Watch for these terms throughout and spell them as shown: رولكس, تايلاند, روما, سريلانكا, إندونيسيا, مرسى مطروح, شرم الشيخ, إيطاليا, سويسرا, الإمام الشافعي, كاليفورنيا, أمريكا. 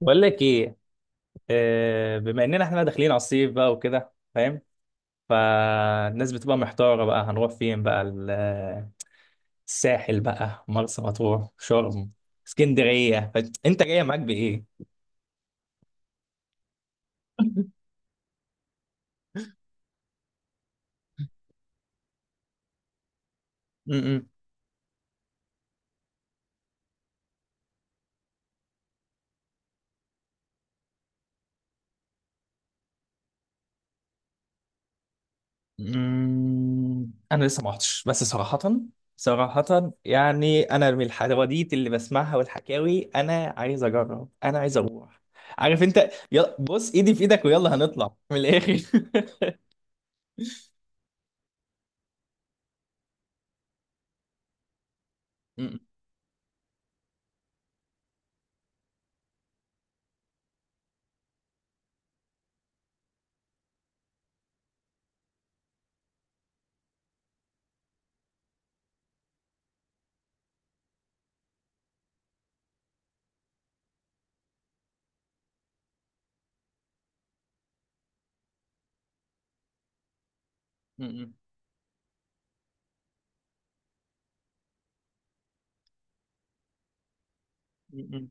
بقول لك ايه. بما اننا احنا داخلين على الصيف بقى وكده، فاهم؟ فالناس بتبقى محتارة بقى، هنروح فين بقى؟ الساحل بقى، مرسى مطروح، شرم، اسكندرية. انت جاية معاك بايه؟ م-م. م-م. انا لسه ما رحتش، بس صراحة يعني انا من الحواديت اللي بسمعها والحكاوي، انا عايز اجرب، انا عايز اروح. عارف انت، يلا بص ايدي في ايدك ويلا هنطلع من الاخر. م-م. م-م.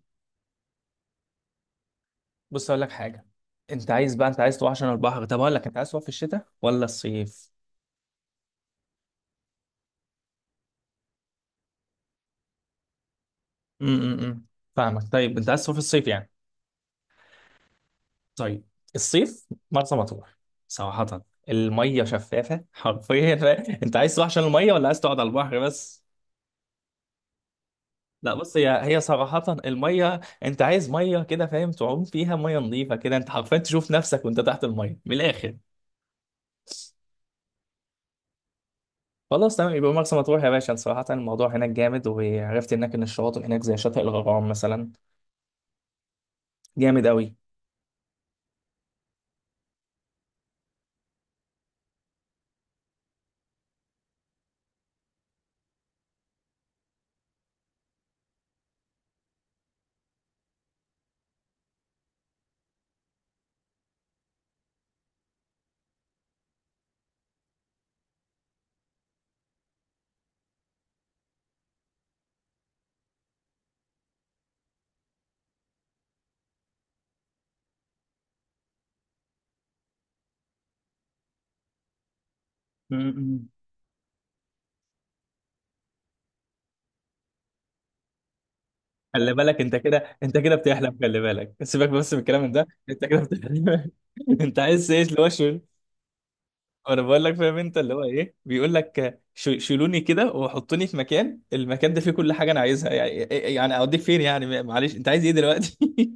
بص اقول لك حاجه. انت عايز تروح عشان البحر؟ طب اقول لك، انت عايز تروح في الشتاء ولا الصيف؟ امم. فاهمك. طيب انت عايز تروح في الصيف يعني. طيب. الصيف مرسى مطروح. صراحه الميه شفافه حرفيا. انت عايز تروح عشان الميه، ولا عايز تقعد على البحر بس؟ لا بص، هي صراحه الميه، انت عايز ميه كده فاهم، تعوم فيها، ميه نظيفه كده، انت حرفيا تشوف نفسك وانت تحت الميه من الاخر. خلاص تمام، يبقى مرسى مطروح يا باشا. صراحة الموضوع هناك جامد، وعرفت هناك إن الشواطئ هناك زي شاطئ الغرام مثلا. جامد قوي. م-م. خلي بالك، انت كده بتحلم. خلي بالك، سيبك بس من الكلام ده، انت كده بتحلم. انت عايز تعيش اللي هو شيل. وانا بقول لك فاهم انت، اللي هو ايه، بيقول لك شيلوني كده وحطوني في مكان، المكان ده فيه كل حاجه انا عايزها يعني. يعني اوديك فين يعني، معلش انت عايز ايه دلوقتي؟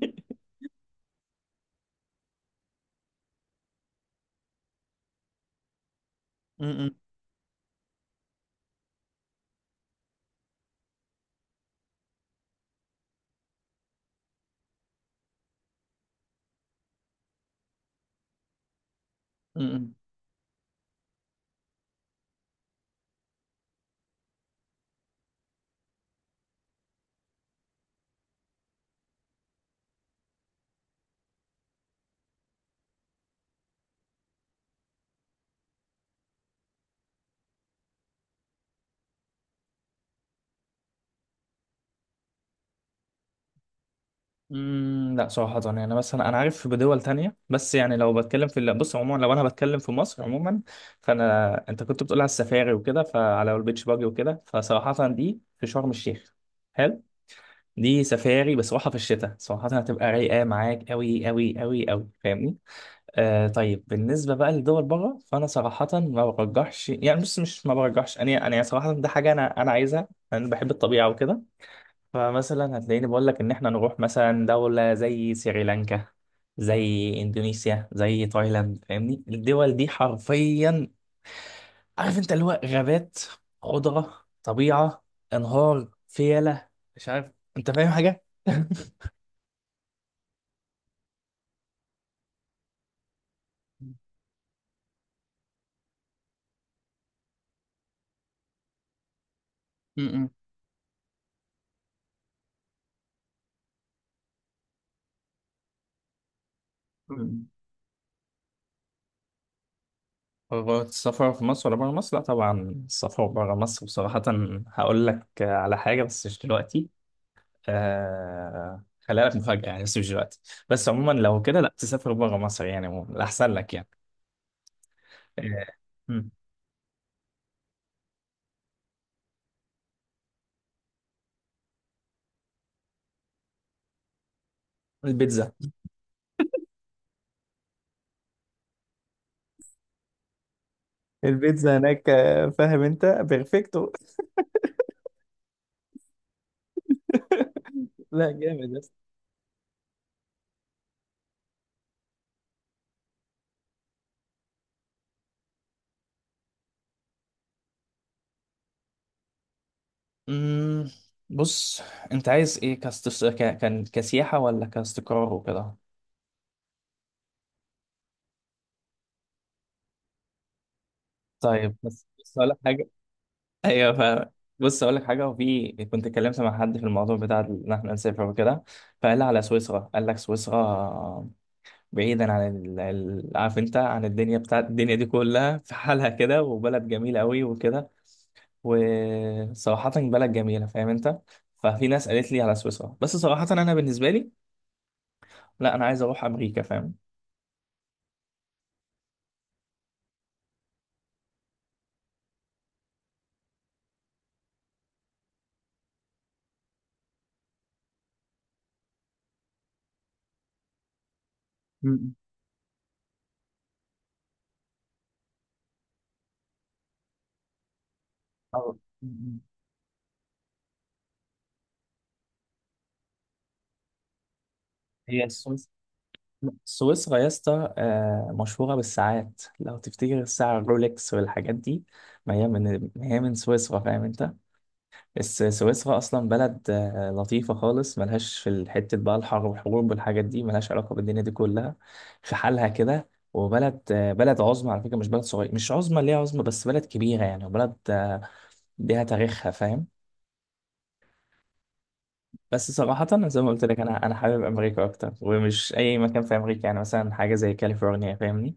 م-م. م-م. مم، لا صراحة يعني، مثلا أنا عارف بدول تانية، بس يعني لو بتكلم في بص عموما، لو أنا بتكلم في مصر عموما، أنت كنت بتقول على السفاري وكده، فعلى البيتش باجي وكده، فصراحة دي في شرم الشيخ. حلو. دي سفاري بس راحة، في الشتاء صراحة هتبقى رايقة معاك أوي أوي أوي أوي، فاهمني؟ آه، طيب بالنسبة بقى لدول بره، فأنا صراحة ما برجحش يعني، بص مش ما برجحش، أنا صراحة ده حاجة أنا عايزها. أنا بحب الطبيعة وكده. فمثلا هتلاقيني بقول لك ان احنا نروح مثلا دولة زي سريلانكا، زي اندونيسيا، زي تايلاند، فاهمني؟ الدول دي حرفيا، عارف انت، اللي هو غابات، خضرة، طبيعة، انهار، فيلة، مش عارف، انت فاهم حاجة؟ م- م. قررت السفر في مصر ولا بره مصر؟ لا طبعا، السفر بره مصر. بصراحة هقول لك على حاجة بس مش دلوقتي، آه خليها لك مفاجأة يعني، بس مش دلوقتي. بس عموما لو كده، لا تسافر بره مصر يعني، عموما الأحسن لك يعني. آه. مم. البيتزا. البيتزا هناك فاهم انت، بيرفكتو. لا جامد يا اسطى. مم. بص أنت عايز إيه كاست... ك... كان كسياحة ولا كاستقرار وكده؟ طيب بس بص أقول لك حاجة. أيوه فاهم. بص أقول لك حاجة، وفي كنت اتكلمت مع حد في الموضوع بتاع إن إحنا نسافر وكده، فقال لي على سويسرا. قال لك سويسرا؟ بعيدا عن عارف انت، عن الدنيا بتاعت الدنيا دي كلها، في حالها كده، وبلد جميلة قوي وكده، وصراحة بلد جميلة فاهم انت. ففي ناس قالت لي على سويسرا، بس صراحة انا بالنسبة لي لا، انا عايز اروح امريكا فاهم. مم. أو- مم. هي سويسرا يا اسطى مشهورة بالساعات، لو تفتكر الساعة الرولكس والحاجات دي، ما هي من سويسرا، فاهم انت. سويسرا أصلا بلد لطيفة خالص، ملهاش في الحتة بقى الحرب والحروب والحاجات دي، ملهاش علاقة بالدنيا دي كلها، في حالها كده. وبلد بلد عظمى على فكرة، مش بلد صغير، مش عظمى ليها عظمى، بس بلد كبيرة يعني، وبلد ليها تاريخها، فاهم. بس صراحة زي ما قلت لك، أنا حابب أمريكا أكتر، ومش أي مكان في أمريكا يعني، مثلا حاجة زي كاليفورنيا، فاهمني؟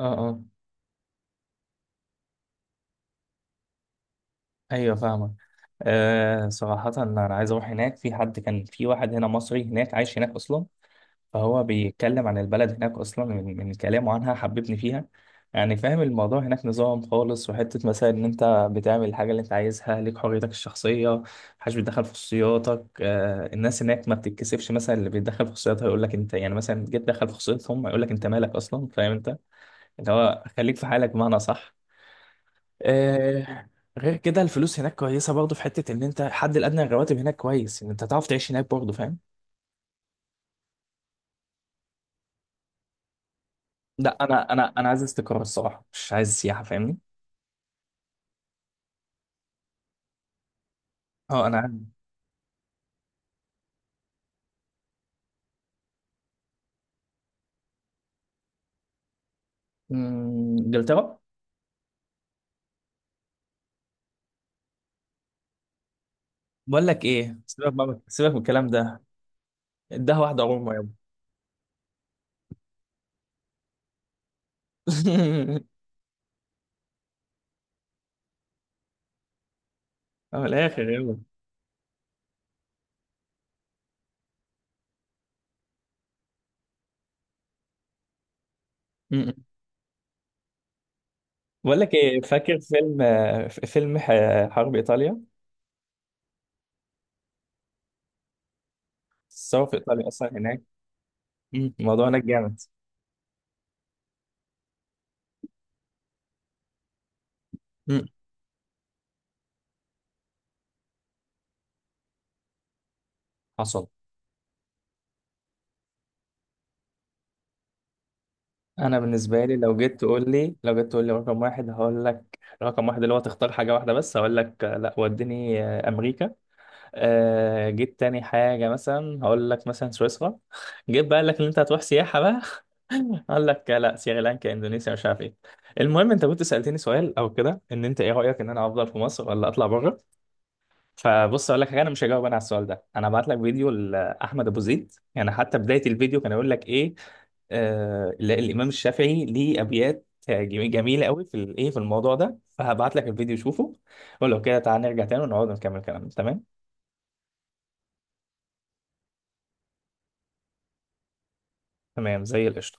اه اه. ايوه فاهمك. آه صراحة أنا عايز أروح هناك، في حد كان في واحد هنا مصري هناك عايش هناك أصلا. فهو بيتكلم عن البلد هناك اصلا، من كلامه عنها حببني فيها يعني. فاهم، الموضوع هناك نظام خالص، وحته مثلا ان انت بتعمل الحاجه اللي انت عايزها، ليك حريتك الشخصيه، محدش بيتدخل في خصوصياتك. آه، الناس هناك ما بتتكسفش، مثلا اللي بيتدخل في خصوصياتها يقول لك انت يعني مثلا جيت تدخل في خصوصيتهم، يقول لك انت مالك اصلا، فاهم انت، اللي هو خليك في حالك بمعنى، صح؟ آه. غير كده، الفلوس هناك كويسه برضه، في حته ان انت الحد الادنى للرواتب هناك كويس، ان انت تعرف تعيش هناك برضه، فاهم. لا انا عايز استقرار الصراحه، مش عايز سياحه فاهمني. اه انا عارف. مم، انجلترا. بقول لك ايه، سيبك بقى سيبك من الكلام ده. اداها واحده روما يابا. اه، من الاخر يابا. مم. بقول لك ايه، فاكر فيلم فيلم حرب ايطاليا، الثوره في ايطاليا اصلا هناك؟ مم. الموضوع هناك جامد. مم. حصل. انا بالنسبه لي لو جيت تقول لي، رقم واحد، هقول لك رقم واحد اللي هو تختار حاجه واحده بس، هقول لك لا وديني امريكا. آه جيت تاني حاجة مثلا، هقول لك مثلا سويسرا. جيت بقى لك ان انت هتروح سياحة بقى، اقول لك لا سريلانكا اندونيسيا، مش عارف ايه. المهم انت كنت سألتني سؤال او كده، ان انت ايه رأيك ان انا افضل في مصر ولا اطلع بره؟ فبص اقول لك حاجة، انا مش هجاوب انا على السؤال ده، انا هبعت لك فيديو لاحمد ابو زيد، يعني حتى بداية الفيديو كان يقول لك ايه، آه لا، الامام الشافعي ليه ابيات جميلة قوي في الايه في الموضوع ده، فهبعت لك الفيديو شوفه، ولو كده تعالى نرجع تاني ونقعد نكمل كلامنا، تمام؟ تمام زي القشطة.